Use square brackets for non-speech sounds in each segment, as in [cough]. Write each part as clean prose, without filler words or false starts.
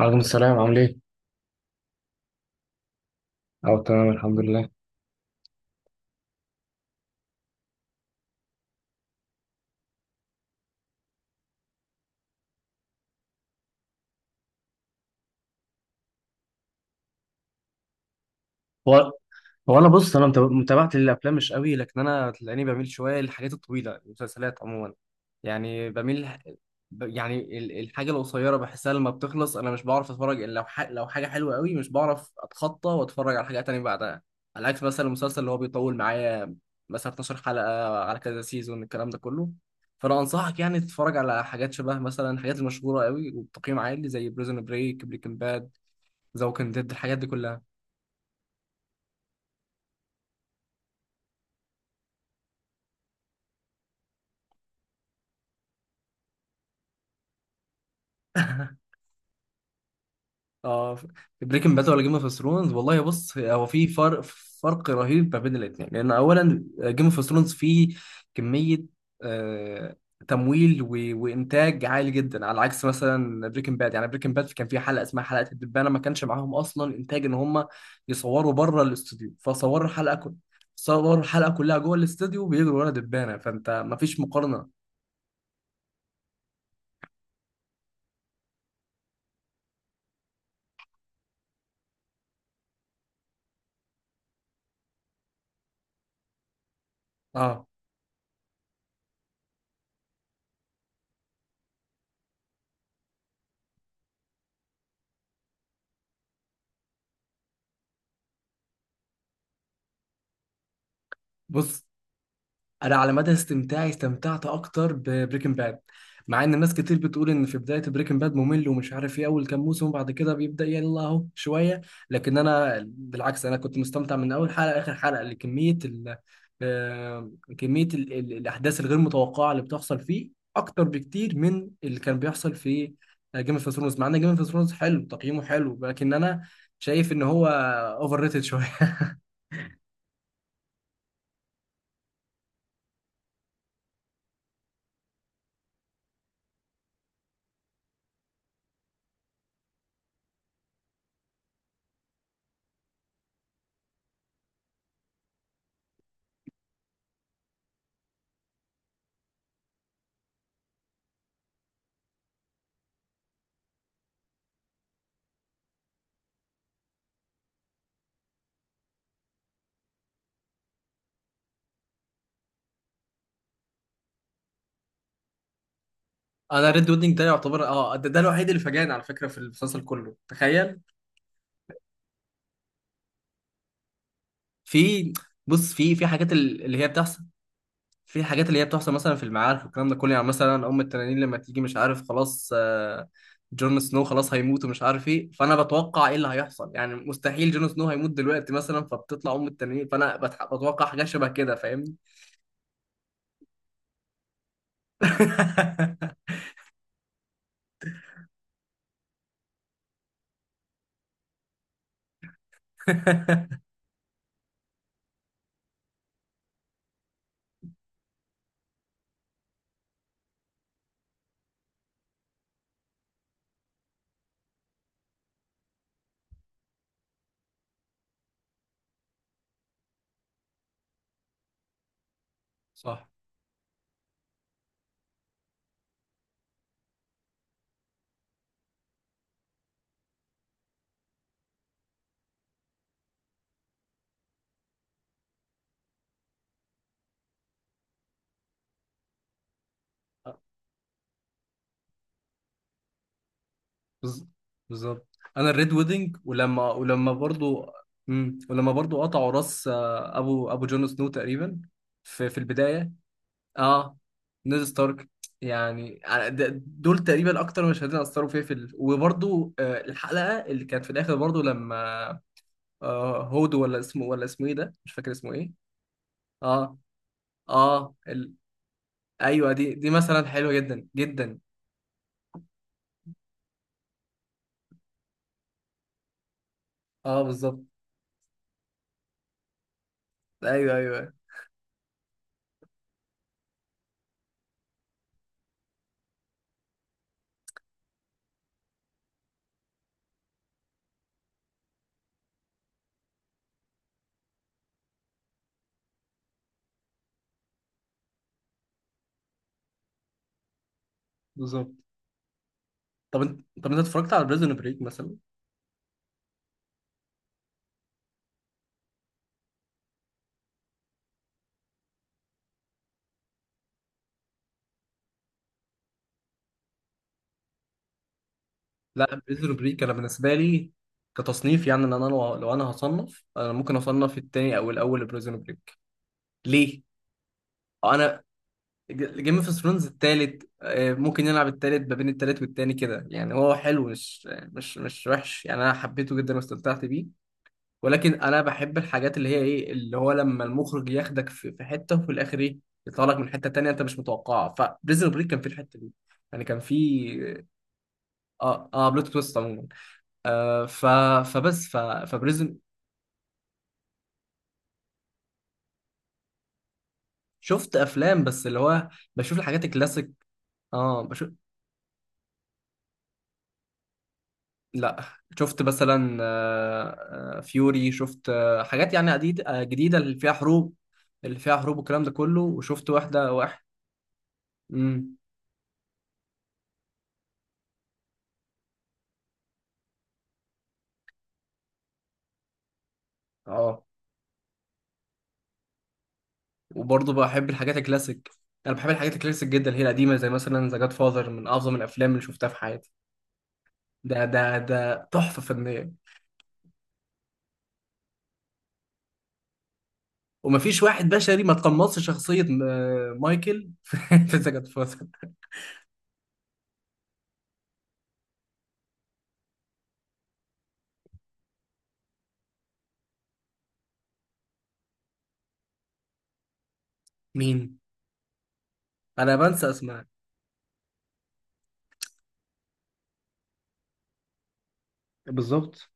عليكم السلام، عامل ايه؟ اه تمام الحمد لله. هو هو انا بص، انا متابعه الافلام مش قوي، لكن انا تلاقيني بميل شويه للحاجات الطويله، المسلسلات عموما. يعني بميل، يعني الحاجه القصيره بحسها لما بتخلص، انا مش بعرف اتفرج الا لو لو حاجه حلوه قوي، مش بعرف اتخطى واتفرج على حاجه تانية بعدها. على عكس مثلا المسلسل اللي هو بيطول معايا، مثلا 12 حلقه على كذا سيزون الكلام ده كله. فانا انصحك يعني تتفرج على حاجات شبه مثلا الحاجات المشهوره قوي وبتقييم عالي، زي بريزون بريك، بريكنج باد، ذا ووكينج ديد، الحاجات دي كلها. [laughs] اه. بريكنج باد ولا جيم اوف ثرونز؟ والله بص، هو في فرق، فرق رهيب ما بين الاثنين. لان اولا جيم اوف ثرونز فيه كميه، آه تمويل وانتاج عالي جدا. على عكس مثلا بريكنج باد، يعني بريكنج باد كان في حلقه اسمها حلقه الدبانه، ما كانش معاهم اصلا انتاج ان هم يصوروا بره الاستوديو، فصوروا الحلقه كلها، صوروا الحلقه كلها جوه الاستوديو بيجروا ورا دبانه. فانت ما فيش مقارنه. اه. بص، انا على مدى استمتاعي استمتعت اكتر ببريكنج باد، مع ان ناس كتير بتقول ان في بدايه بريكنج باد ممل ومش عارف ايه اول كام موسم وبعد كده بيبدا يلا اهو شويه. لكن انا بالعكس، انا كنت مستمتع من اول حلقه لاخر حلقه لكميه ال آه، كميه ال الاحداث الغير متوقعه اللي بتحصل فيه، اكتر بكتير من اللي كان بيحصل في جيم اوف ثرونز. مع ان جيم اوف ثرونز حلو، تقييمه حلو، لكن انا شايف ان هو اوفر ريتد [laughs] شويه. انا ريد ويدنج ده يعتبر اه ده الوحيد اللي فاجأني على فكره في المسلسل كله، تخيل. في بص، في في حاجات اللي هي بتحصل، في حاجات اللي هي بتحصل مثلا في المعارك والكلام ده كله. يعني مثلا ام التنانين لما تيجي، مش عارف، خلاص جون سنو خلاص هيموت ومش عارف ايه، فانا بتوقع ايه اللي هيحصل. يعني مستحيل جون سنو هيموت دلوقتي مثلا، فبتطلع ام التنانين، فانا بتوقع حاجه شبه كده، فاهمني. [laughs] صح. بز- بالظبط، انا الريد ويدنج، ولما برضو ولما برضو قطعوا راس ابو جون سنو تقريبا، في في البدايه. اه نيد ستارك. يعني دول تقريبا اكتر مشهدين اثروا فيا في وبرضو الحلقه اللي كانت في الاخر، برضو لما هودو، ولا اسمه، ولا اسمه ايه ده، مش فاكر اسمه ايه. اه اه ايوه، دي مثلا حلوه جدا جدا. اه بالظبط. ايوه ايوه. بالظبط. طب انت، انت اتفرجت على بريزون بريك مثلا؟ لا بريزو بريك انا بالنسبه لي كتصنيف، يعني ان انا لو انا هصنف، انا ممكن اصنف التاني او الاول بريزون بريك. ليه؟ انا جيم اوف ثرونز التالت، ممكن يلعب التالت ما بين التالت والتاني كده، يعني هو حلو، مش مش مش وحش، يعني انا حبيته جدا واستمتعت بيه. ولكن انا بحب الحاجات اللي هي ايه، اللي هو لما المخرج ياخدك في في حته وفي الاخر ايه، يطلعك من حته تانيه انت مش متوقعها. فبريزون بريك كان في الحته دي، يعني كان في. اه اه، بلوت تويست عموما. آه، ف... فبريزن. شفت افلام، بس اللي هو بشوف الحاجات الكلاسيك. اه بشوف. لا، شفت مثلا فيوري، شفت حاجات يعني عديد... آه، جديده اللي فيها حروب، اللي فيها حروب والكلام ده كله. وشفت واحده واحد. امم. اه وبرضه بحب الحاجات الكلاسيك، انا بحب الحاجات الكلاسيك جدا، اللي هي القديمه. زي مثلا ذا جاد فاذر، من اعظم الافلام اللي شفتها في حياتي. ده تحفه فنيه. ومفيش واحد بشري ما تقمصش شخصية مايكل في [laughs] في سجن فاصل. مين؟ أنا بنسى أسماء. بالظبط.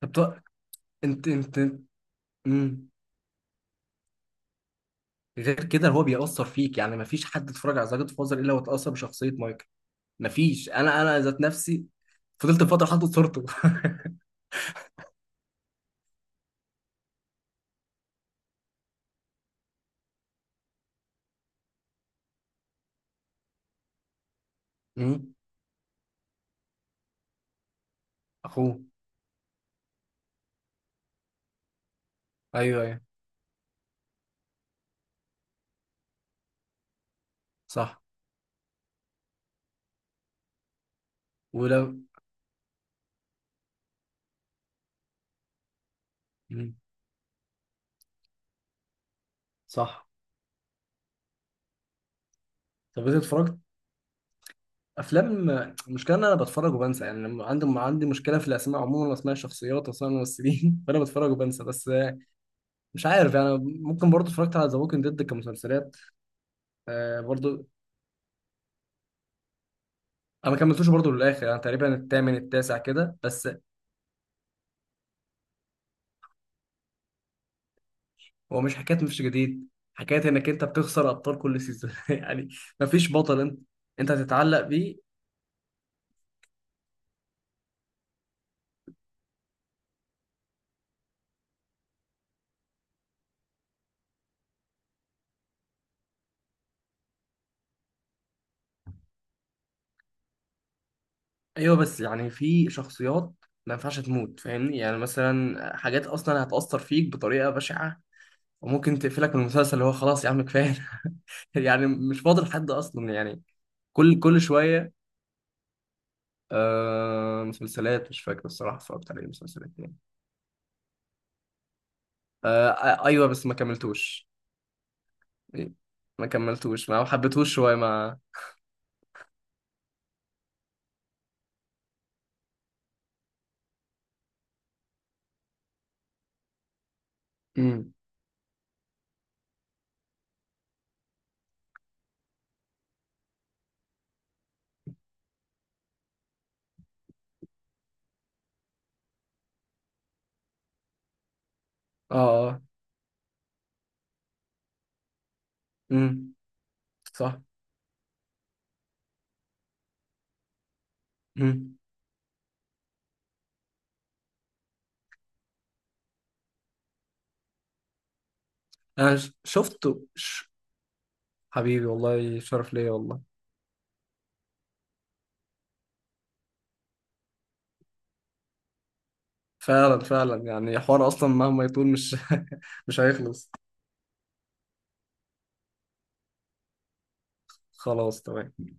طب طب- أنت أمم. غير كده هو بيأثر فيك، يعني مفيش حد اتفرج على سجن فاصل إلا واتأثر بشخصية مايكل. مفيش. أنا ذات نفسي فضلت فترة حاطط صورته. [laughs] أمم. أخوه. أيوه أيوه. صح. ولو أمم. صح. طب أنت اتفرجت افلام. المشكله ان انا بتفرج وبنسى، يعني لما عندي مشكله في الاسماء عموما، واسماء الشخصيات واسماء الممثلين. [laughs] فانا بتفرج وبنسى، بس مش عارف. يعني ممكن برضو اتفرجت على ذا ووكينج ديد كمسلسلات برضو. انا ما كملتوش برضو للاخر، انا تقريبا الثامن التاسع كده بس. هو مش حكايه مفيش جديد، حكايه انك انت بتخسر ابطال كل سيزون. [laughs] يعني مفيش بطل انت انت هتتعلق بيه. ايوه، بس يعني في شخصيات ما ينفعش تموت، فاهمني؟ يعني مثلا حاجات اصلا هتأثر فيك بطريقه بشعه، وممكن تقفلك من المسلسل اللي هو خلاص يا عم كفايه. [laughs] يعني مش فاضل حد اصلا. يعني كل شويه. آه مسلسلات، مش فاكر الصراحه اتفرجت على ايه مسلسلات يعني. ايوه بس ما كملتوش. إيه، ما كملتوش ما حبيتهوش شويه ما. امم. اه اه. امم. صح. امم. انا حبيبي والله شرف ليا والله. فعلا فعلا، يعني حوار اصلا مهما يطول، مش [laughs] مش هيخلص. خلاص تمام.